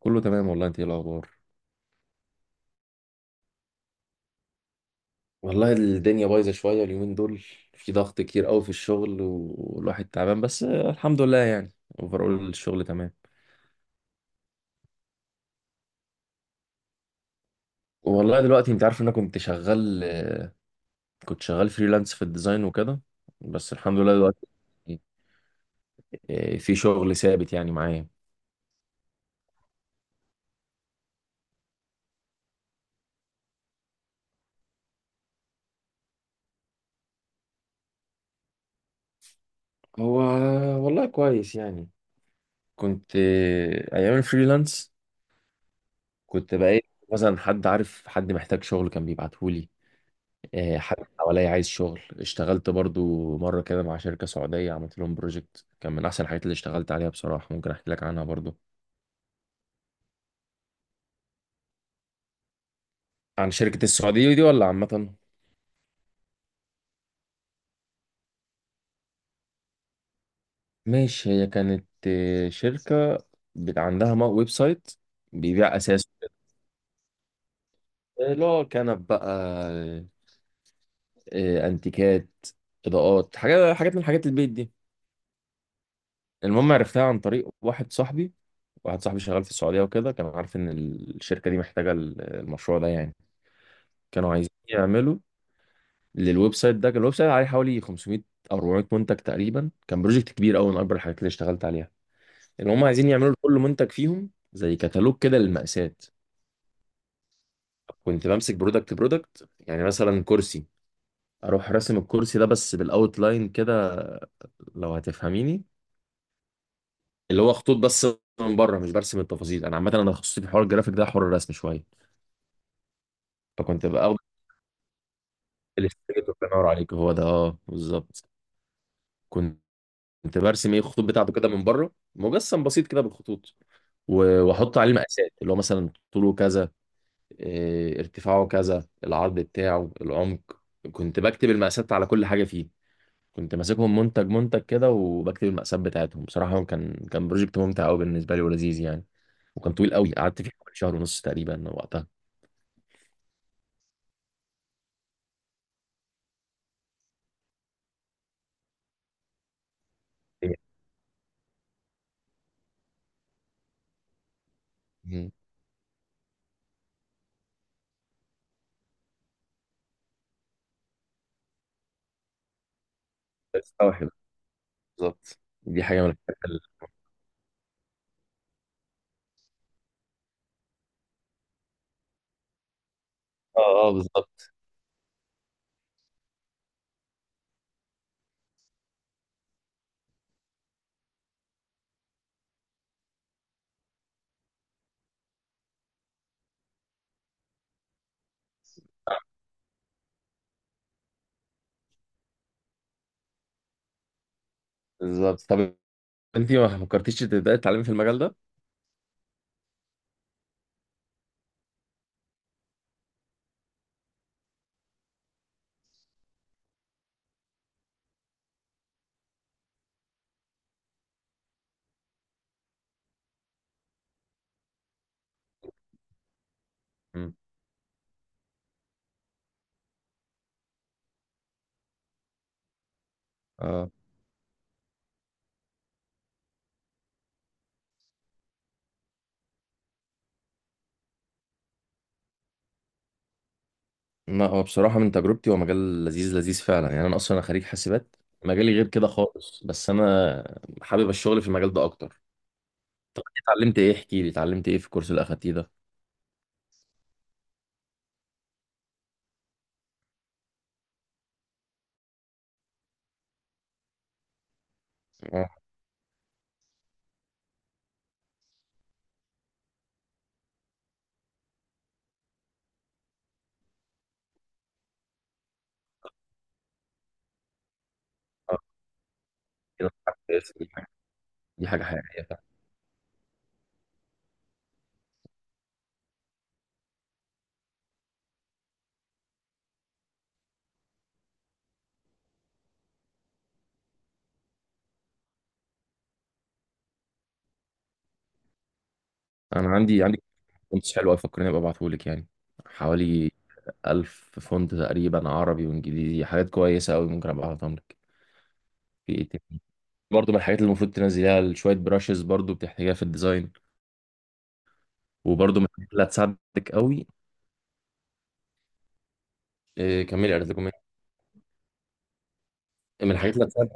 كله تمام والله، انت ايه الاخبار؟ والله الدنيا بايظة شوية اليومين دول. في ضغط كتير قوي في الشغل والواحد تعبان، بس الحمد لله يعني اوفرول الشغل تمام. والله دلوقتي انت عارف ان انا كنت شغال فريلانس في الديزاين وكده. بس الحمد لله دلوقتي في شغل ثابت يعني معايا. هو والله كويس يعني، كنت ايام الفريلانس كنت بقى مثلا حد عارف حد محتاج شغل كان بيبعتهولي. حد حواليا عايز شغل، اشتغلت برضو مرة كده مع شركة سعودية، عملت لهم بروجكت كان من أحسن الحاجات اللي اشتغلت عليها بصراحة. ممكن أحكي لك عنها برضو، عن شركة السعودية دي ولا عامة؟ ماشي، هي كانت شركة عندها ويب سايت بيبيع أساس، اللي هو كنب بقى، أنتيكات، إضاءات، حاجات حاجات من حاجات البيت دي. المهم عرفتها عن طريق واحد صاحبي شغال في السعودية وكده، كان عارف إن الشركة دي محتاجة المشروع ده يعني. كانوا عايزين يعملوا للويب سايت ده، كان الويب سايت عليه حوالي 500 او 400 منتج تقريبا، كان بروجكت كبير قوي من اكبر الحاجات اللي اشتغلت عليها. ان هم عايزين يعملوا لكل منتج فيهم زي كتالوج كده للمقاسات. كنت بمسك برودكت برودكت، يعني مثلا كرسي، اروح راسم الكرسي ده بس بالاوتلاين كده، لو هتفهميني. اللي هو خطوط بس من بره، مش برسم التفاصيل. انا عامه انا تخصصي في حوار الجرافيك ده، حوار الرسم شويه. فكنت باخد الاستريتور، الله ينور عليك، هو ده، اه بالظبط. كنت برسم الخطوط بتاعته كده من بره، مجسم بسيط كده بالخطوط، واحط عليه مقاسات، اللي هو مثلا طوله كذا، ارتفاعه كذا، العرض بتاعه، العمق. كنت بكتب المقاسات على كل حاجه فيه. كنت ماسكهم منتج منتج كده وبكتب المقاسات بتاعتهم. بصراحه كان بروجكت ممتع قوي بالنسبه لي ولذيذ يعني. وكان طويل قوي، قعدت فيه حوالي شهر ونص تقريبا وقتها. مم. بستوعب، بالظبط. دي حاجه من الحاجات. اه، اه، بالظبط بالظبط. طب انت ما فكرتيش تبداي تتعلمي في المجال ده؟ مم. اه. ما هو بصراحة من تجربتي هو مجال لذيذ لذيذ فعلا يعني، أنا أصلا أنا خريج حاسبات، مجالي غير كده خالص، بس أنا حابب الشغل في المجال ده أكتر. اتعلمت إيه، احكي لي، اتعلمت إيه في الكورس اللي أخدتيه ده؟ آه، آه، كده بتاع كويس، دي حاجة حقيقية فعلا. أنا عندي كونتس حلوة أوي، فكرني أبقى أبعتهولك يعني، حوالي 1000 فونت تقريبا عربي وإنجليزي، حاجات كويسة أوي، ممكن أبقى أبعتهم لك. في إيه تاني؟ برضه من الحاجات اللي المفروض تنزليها، شوية براشز برضه بتحتاجها في الديزاين. وبرضه من الحاجات اللي هتساعدك أوي. كملي أرزاقكم. من الحاجات اللي هتساعد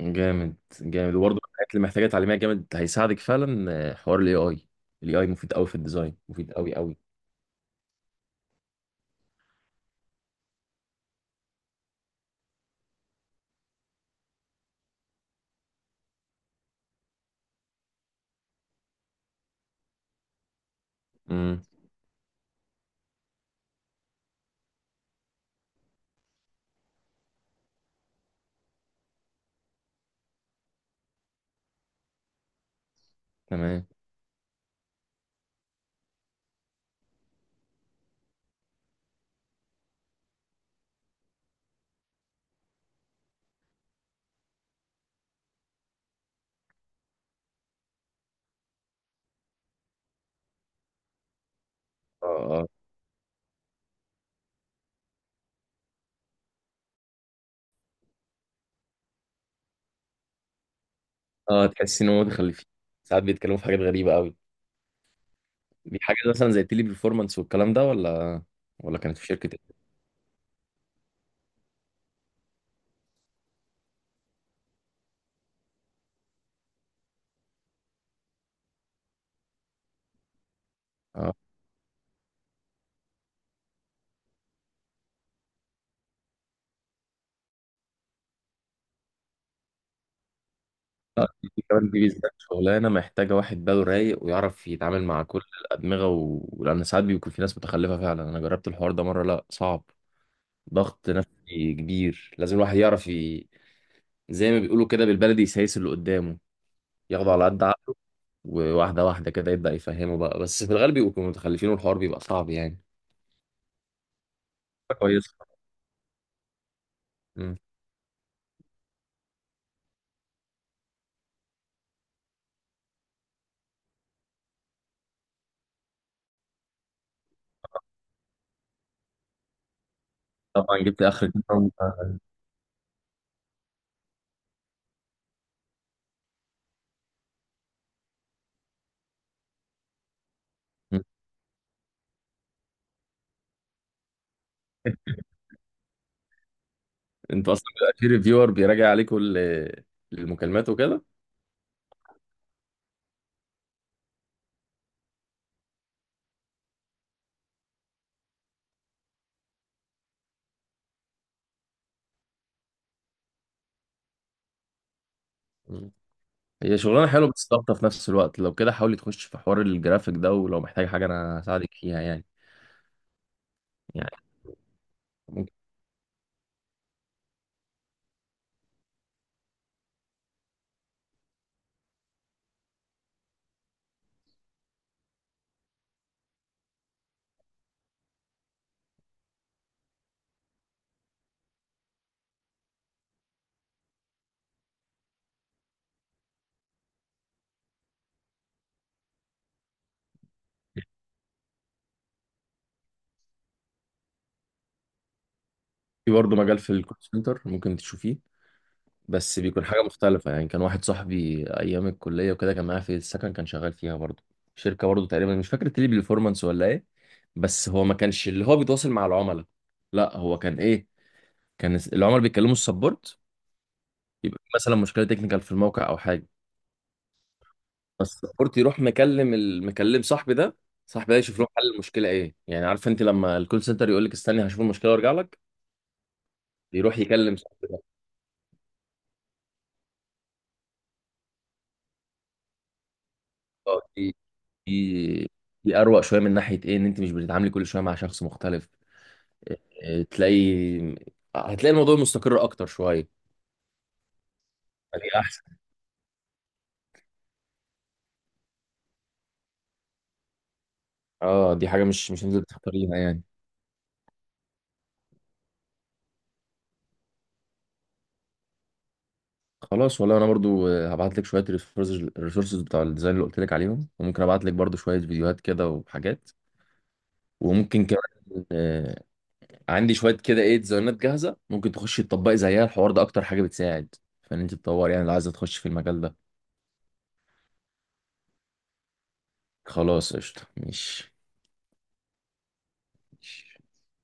جامد جامد. وبرضه من الحاجات اللي محتاجه تعليميه، جامد هيساعدك فعلا، حوار الاي اي. الاي اي مفيد قوي في الديزاين، مفيد قوي قوي. امم. تمام. اه، اه، اه، تحس ان هم متخلفين، ساعات بيتكلموا في حاجات غريبه قوي. دي حاجه مثلا زي التيلي بيرفورمانس والكلام ده، ولا كانت في شركه إيه؟ اه، لا. دي كمان دي بالذات شغلانه محتاجه واحد باله رايق ويعرف يتعامل مع كل الادمغه، لان ساعات بيكون في ناس متخلفه فعلا. انا جربت الحوار ده مره، لا صعب، ضغط نفسي كبير. لازم الواحد يعرف. زي ما بيقولوا كده بالبلدي، يسيس اللي قدامه، ياخده على قد عقله. وواحدة واحدة كده يبدأ يفهمه بقى، بس في الغالب بيبقوا متخلفين والحوار بيبقى صعب يعني. كويس. مم. طبعا، جبت اخر كلمة. مم. انت اصلا بيبقى في ريفيور بيراجع عليك كل المكالمات وكده؟ مم. هي شغلانة حلوة بس ضغطة في نفس الوقت. لو كده حاولي تخش في حوار الجرافيك ده، ولو محتاج حاجة انا هساعدك فيها يعني. ممكن في برضه مجال في الكول سنتر ممكن تشوفيه، بس بيكون حاجة مختلفة يعني. كان واحد صاحبي أيام الكلية وكده، كان معايا في السكن، كان شغال فيها برضه شركة برضه تقريبا، مش فاكر تيلي بيرفورمانس ولا إيه، بس هو ما كانش اللي هو بيتواصل مع العملاء. لا هو كان العملاء بيتكلموا السبورت. يبقى في مثلا مشكلة تكنيكال في الموقع أو حاجة، بس السبورت يروح مكلم المكلم صاحبي ده، صاحبي ده يشوف له حل المشكلة إيه يعني. عارف أنت لما الكول سنتر يقول لك استني هشوف المشكلة وأرجع لك، يروح يكلم صاحبي ده. آه، دي دي دي أروق شوية من ناحية إيه، إن أنت مش بتتعاملي كل شوية مع شخص مختلف. آه، تلاقي هتلاقي الموضوع مستقر اكتر شويه، دي احسن. اه، دي حاجه مش انت اللي تختاريها يعني. خلاص والله، انا برضو هبعت لك شويه الريسورسز بتاع الديزاين اللي قلت لك عليهم، وممكن ابعت لك برضو شويه فيديوهات كده وحاجات. وممكن كمان عندي شويه كده ديزاينات جاهزه ممكن تخشي تطبقي زيها. الحوار ده اكتر حاجه بتساعد، فان انت تطور يعني، لو عايزه تخش في المجال ده. خلاص قشطه، ماشي.